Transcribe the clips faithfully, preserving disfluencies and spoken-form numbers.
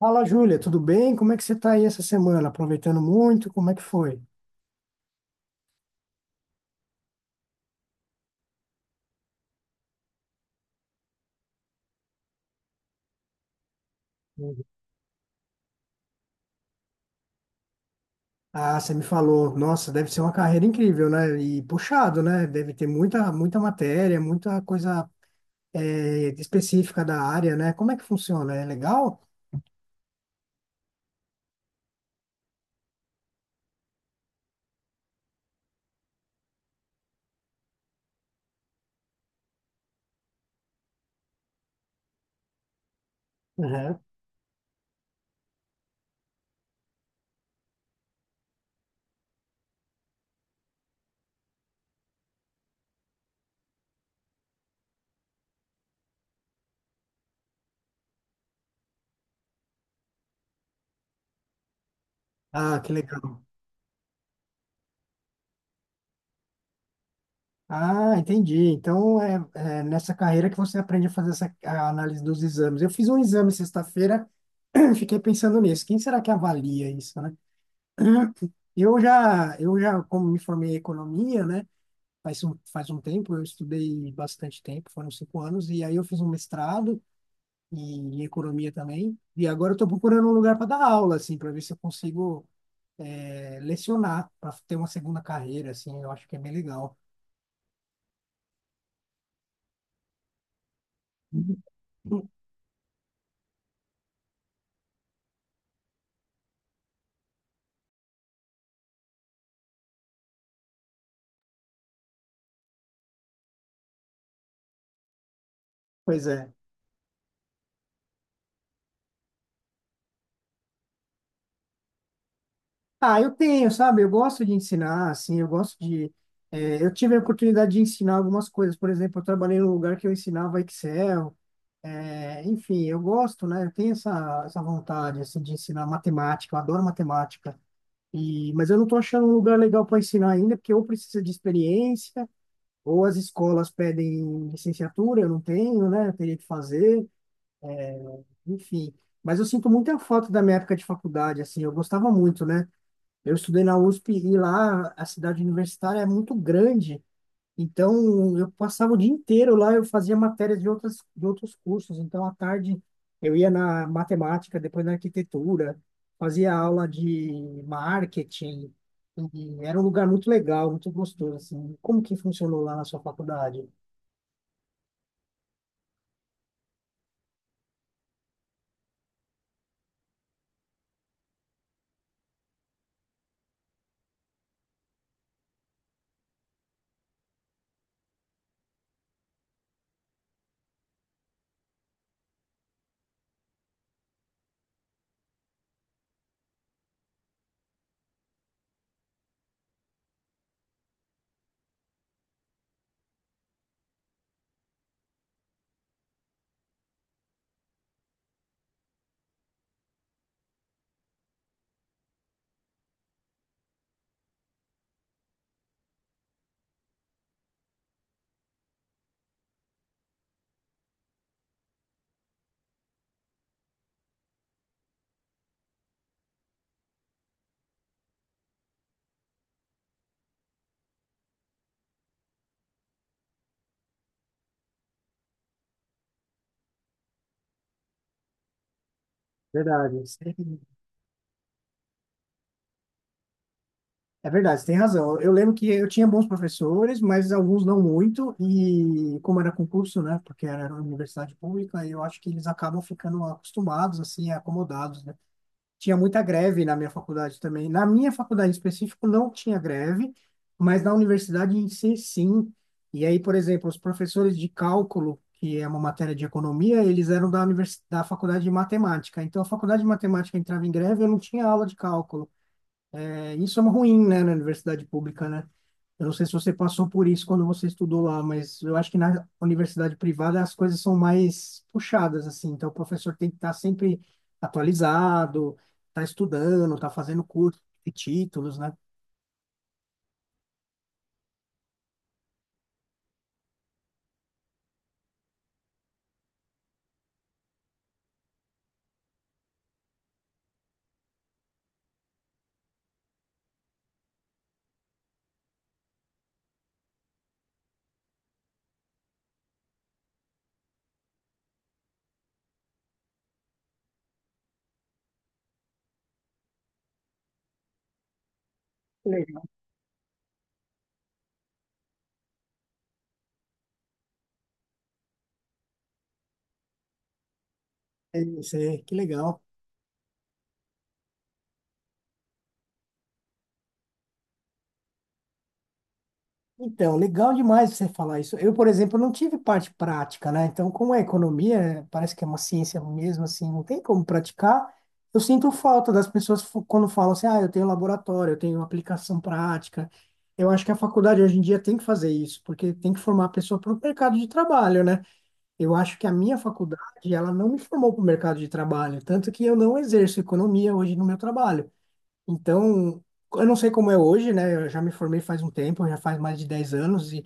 Fala, Júlia, tudo bem? Como é que você está aí essa semana? Aproveitando muito? Como é que foi? Uhum. Ah, você me falou, nossa, deve ser uma carreira incrível, né? E puxado, né? Deve ter muita, muita matéria, muita coisa eh, específica da área, né? Como é que funciona? É legal? Uhum. Ah, que legal. Ah, entendi. Então é, é nessa carreira que você aprende a fazer essa a análise dos exames. Eu fiz um exame sexta-feira, fiquei pensando nisso. Quem será que avalia isso, né? Eu já, eu já, como me formei em economia, né? Faz um, faz um tempo, eu estudei bastante tempo, foram cinco anos, e aí eu fiz um mestrado em, em economia também, e agora eu estou procurando um lugar para dar aula, assim, para ver se eu consigo eh, lecionar, para ter uma segunda carreira, assim, eu acho que é bem legal. Pois é. Ah, eu tenho, sabe? Eu gosto de ensinar, assim, eu gosto de. Eh, eu tive a oportunidade de ensinar algumas coisas. Por exemplo, eu trabalhei num lugar que eu ensinava Excel. Eh, enfim, eu gosto, né? Eu tenho essa, essa vontade, assim, de ensinar matemática. Eu adoro matemática. E mas eu não estou achando um lugar legal para ensinar ainda, porque ou precisa de experiência, ou as escolas pedem licenciatura, eu não tenho, né? Eu teria que fazer, enfim. Mas eu sinto muita falta da minha época de faculdade, assim. Eu gostava muito, né? Eu estudei na U S P e lá a cidade universitária é muito grande, então eu passava o dia inteiro lá, eu fazia matérias de outras, de outros cursos, então à tarde eu ia na matemática, depois na arquitetura, fazia aula de marketing, e era um lugar muito legal, muito gostoso, assim. Como que funcionou lá na sua faculdade? Verdade. Sim. É verdade, você tem razão. Eu lembro que eu tinha bons professores, mas alguns não muito, e como era concurso, né, porque era uma universidade pública, eu acho que eles acabam ficando acostumados, assim, acomodados, né. Tinha muita greve na minha faculdade também. Na minha faculdade em específico não tinha greve, mas na universidade em si, sim. E aí, por exemplo, os professores de cálculo, que é uma matéria de economia, eles eram da universidade, da faculdade de matemática. Então, a faculdade de matemática entrava em greve, eu não tinha aula de cálculo. É, isso é ruim, né, na universidade pública, né? Eu não sei se você passou por isso quando você estudou lá, mas eu acho que na universidade privada as coisas são mais puxadas, assim. Então, o professor tem que estar sempre atualizado, tá estudando, tá fazendo curso, e títulos, né? Que legal. É isso aí, que legal. Então, legal demais você falar isso. Eu, por exemplo, não tive parte prática, né? Então, como é economia, é, parece que é uma ciência mesmo, assim, não tem como praticar. Eu sinto falta das pessoas fu- quando falam assim, ah, eu tenho laboratório, eu tenho aplicação prática. Eu acho que a faculdade hoje em dia tem que fazer isso, porque tem que formar a pessoa para o mercado de trabalho, né? Eu acho que a minha faculdade, ela não me formou para o mercado de trabalho, tanto que eu não exerço economia hoje no meu trabalho. Então, eu não sei como é hoje, né? Eu já me formei faz um tempo, já faz mais de dez anos e,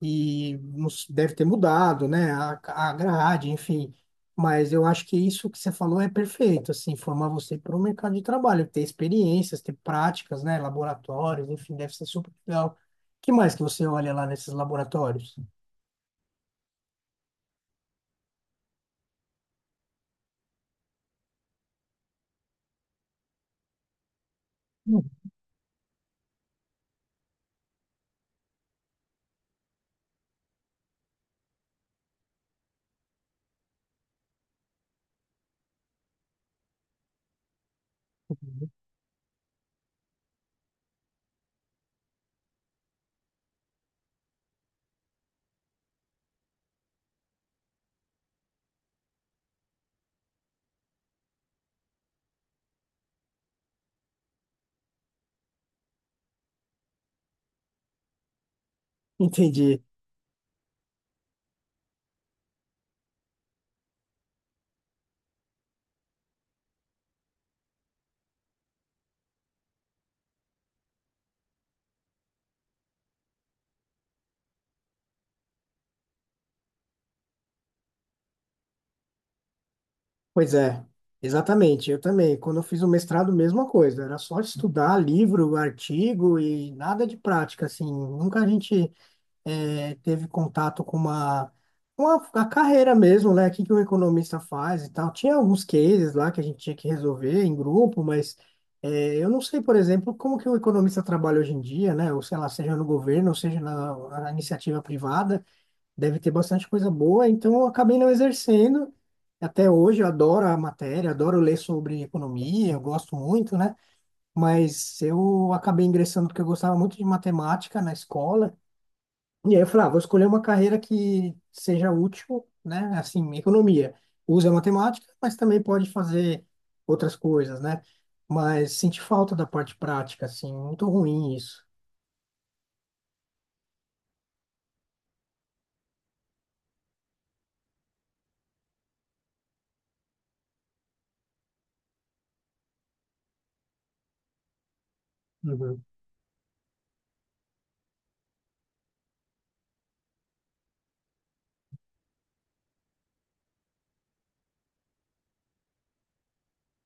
e nos- deve ter mudado, né? A, a grade, enfim. Mas eu acho que isso que você falou é perfeito, assim, formar você para o mercado de trabalho, ter experiências, ter práticas, né? Laboratórios, enfim, deve ser super legal. Que mais que você olha lá nesses laboratórios? Hum. Entendi. Pois é, exatamente. Eu também. Quando eu fiz o mestrado, mesma coisa. Era só estudar livro, artigo e nada de prática, assim. Nunca a gente eh, teve contato com uma, com a, a carreira mesmo, né? O que que um economista faz e tal. Tinha alguns cases lá que a gente tinha que resolver em grupo, mas eh, eu não sei, por exemplo, como que o economista trabalha hoje em dia, né? Ou sei lá, seja no governo, ou seja na na iniciativa privada deve ter bastante coisa boa, então eu acabei não exercendo. Até hoje eu adoro a matéria, adoro ler sobre economia, eu gosto muito, né? Mas eu acabei ingressando porque eu gostava muito de matemática na escola. E aí eu falei, ah, vou escolher uma carreira que seja útil, né? Assim, economia. Usa matemática, mas também pode fazer outras coisas, né? Mas senti falta da parte prática, assim, muito ruim isso. Uhum.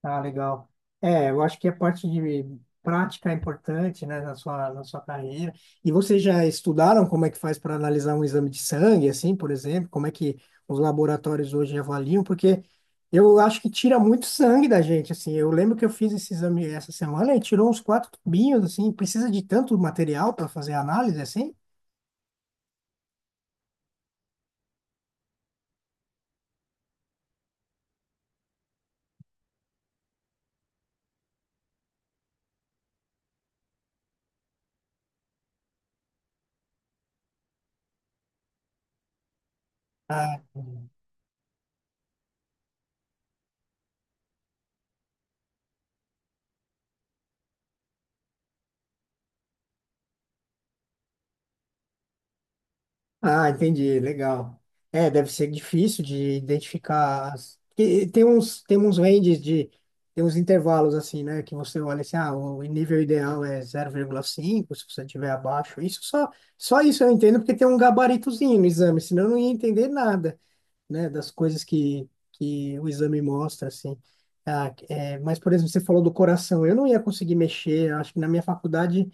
Ah, legal. É, eu acho que a parte de prática é importante, né, na sua, na sua carreira. E vocês já estudaram como é que faz para analisar um exame de sangue, assim, por exemplo? Como é que os laboratórios hoje avaliam? Porque eu acho que tira muito sangue da gente, assim. Eu lembro que eu fiz esse exame essa semana e tirou uns quatro tubinhos, assim. Precisa de tanto material para fazer a análise, assim? Ah, ah, entendi, legal. É, deve ser difícil de identificar. as- e- Tem uns, tem uns ranges de, tem uns intervalos assim, né? Que você olha assim, ah, o nível ideal é zero vírgula cinco, se você tiver abaixo. Isso só, só isso eu entendo porque tem um gabaritozinho no exame, senão eu não ia entender nada, né? Das coisas que, que o exame mostra, assim. Ah, é, mas, por exemplo, você falou do coração. Eu não ia conseguir mexer. Acho que na minha faculdade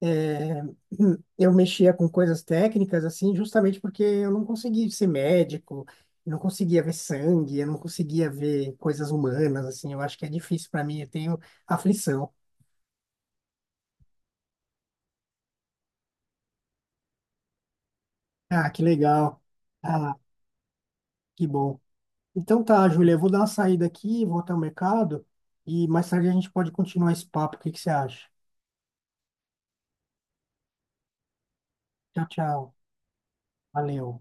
é, eu mexia com coisas técnicas, assim, justamente porque eu não conseguia ser médico, eu não conseguia ver sangue, eu não conseguia ver coisas humanas, assim, eu acho que é difícil para mim, eu tenho aflição. Ah, que legal. Ah, que bom. Então tá, Júlia, eu vou dar uma saída aqui, vou até o mercado e mais tarde a gente pode continuar esse papo, o que que você acha? Tchau, tchau. Valeu.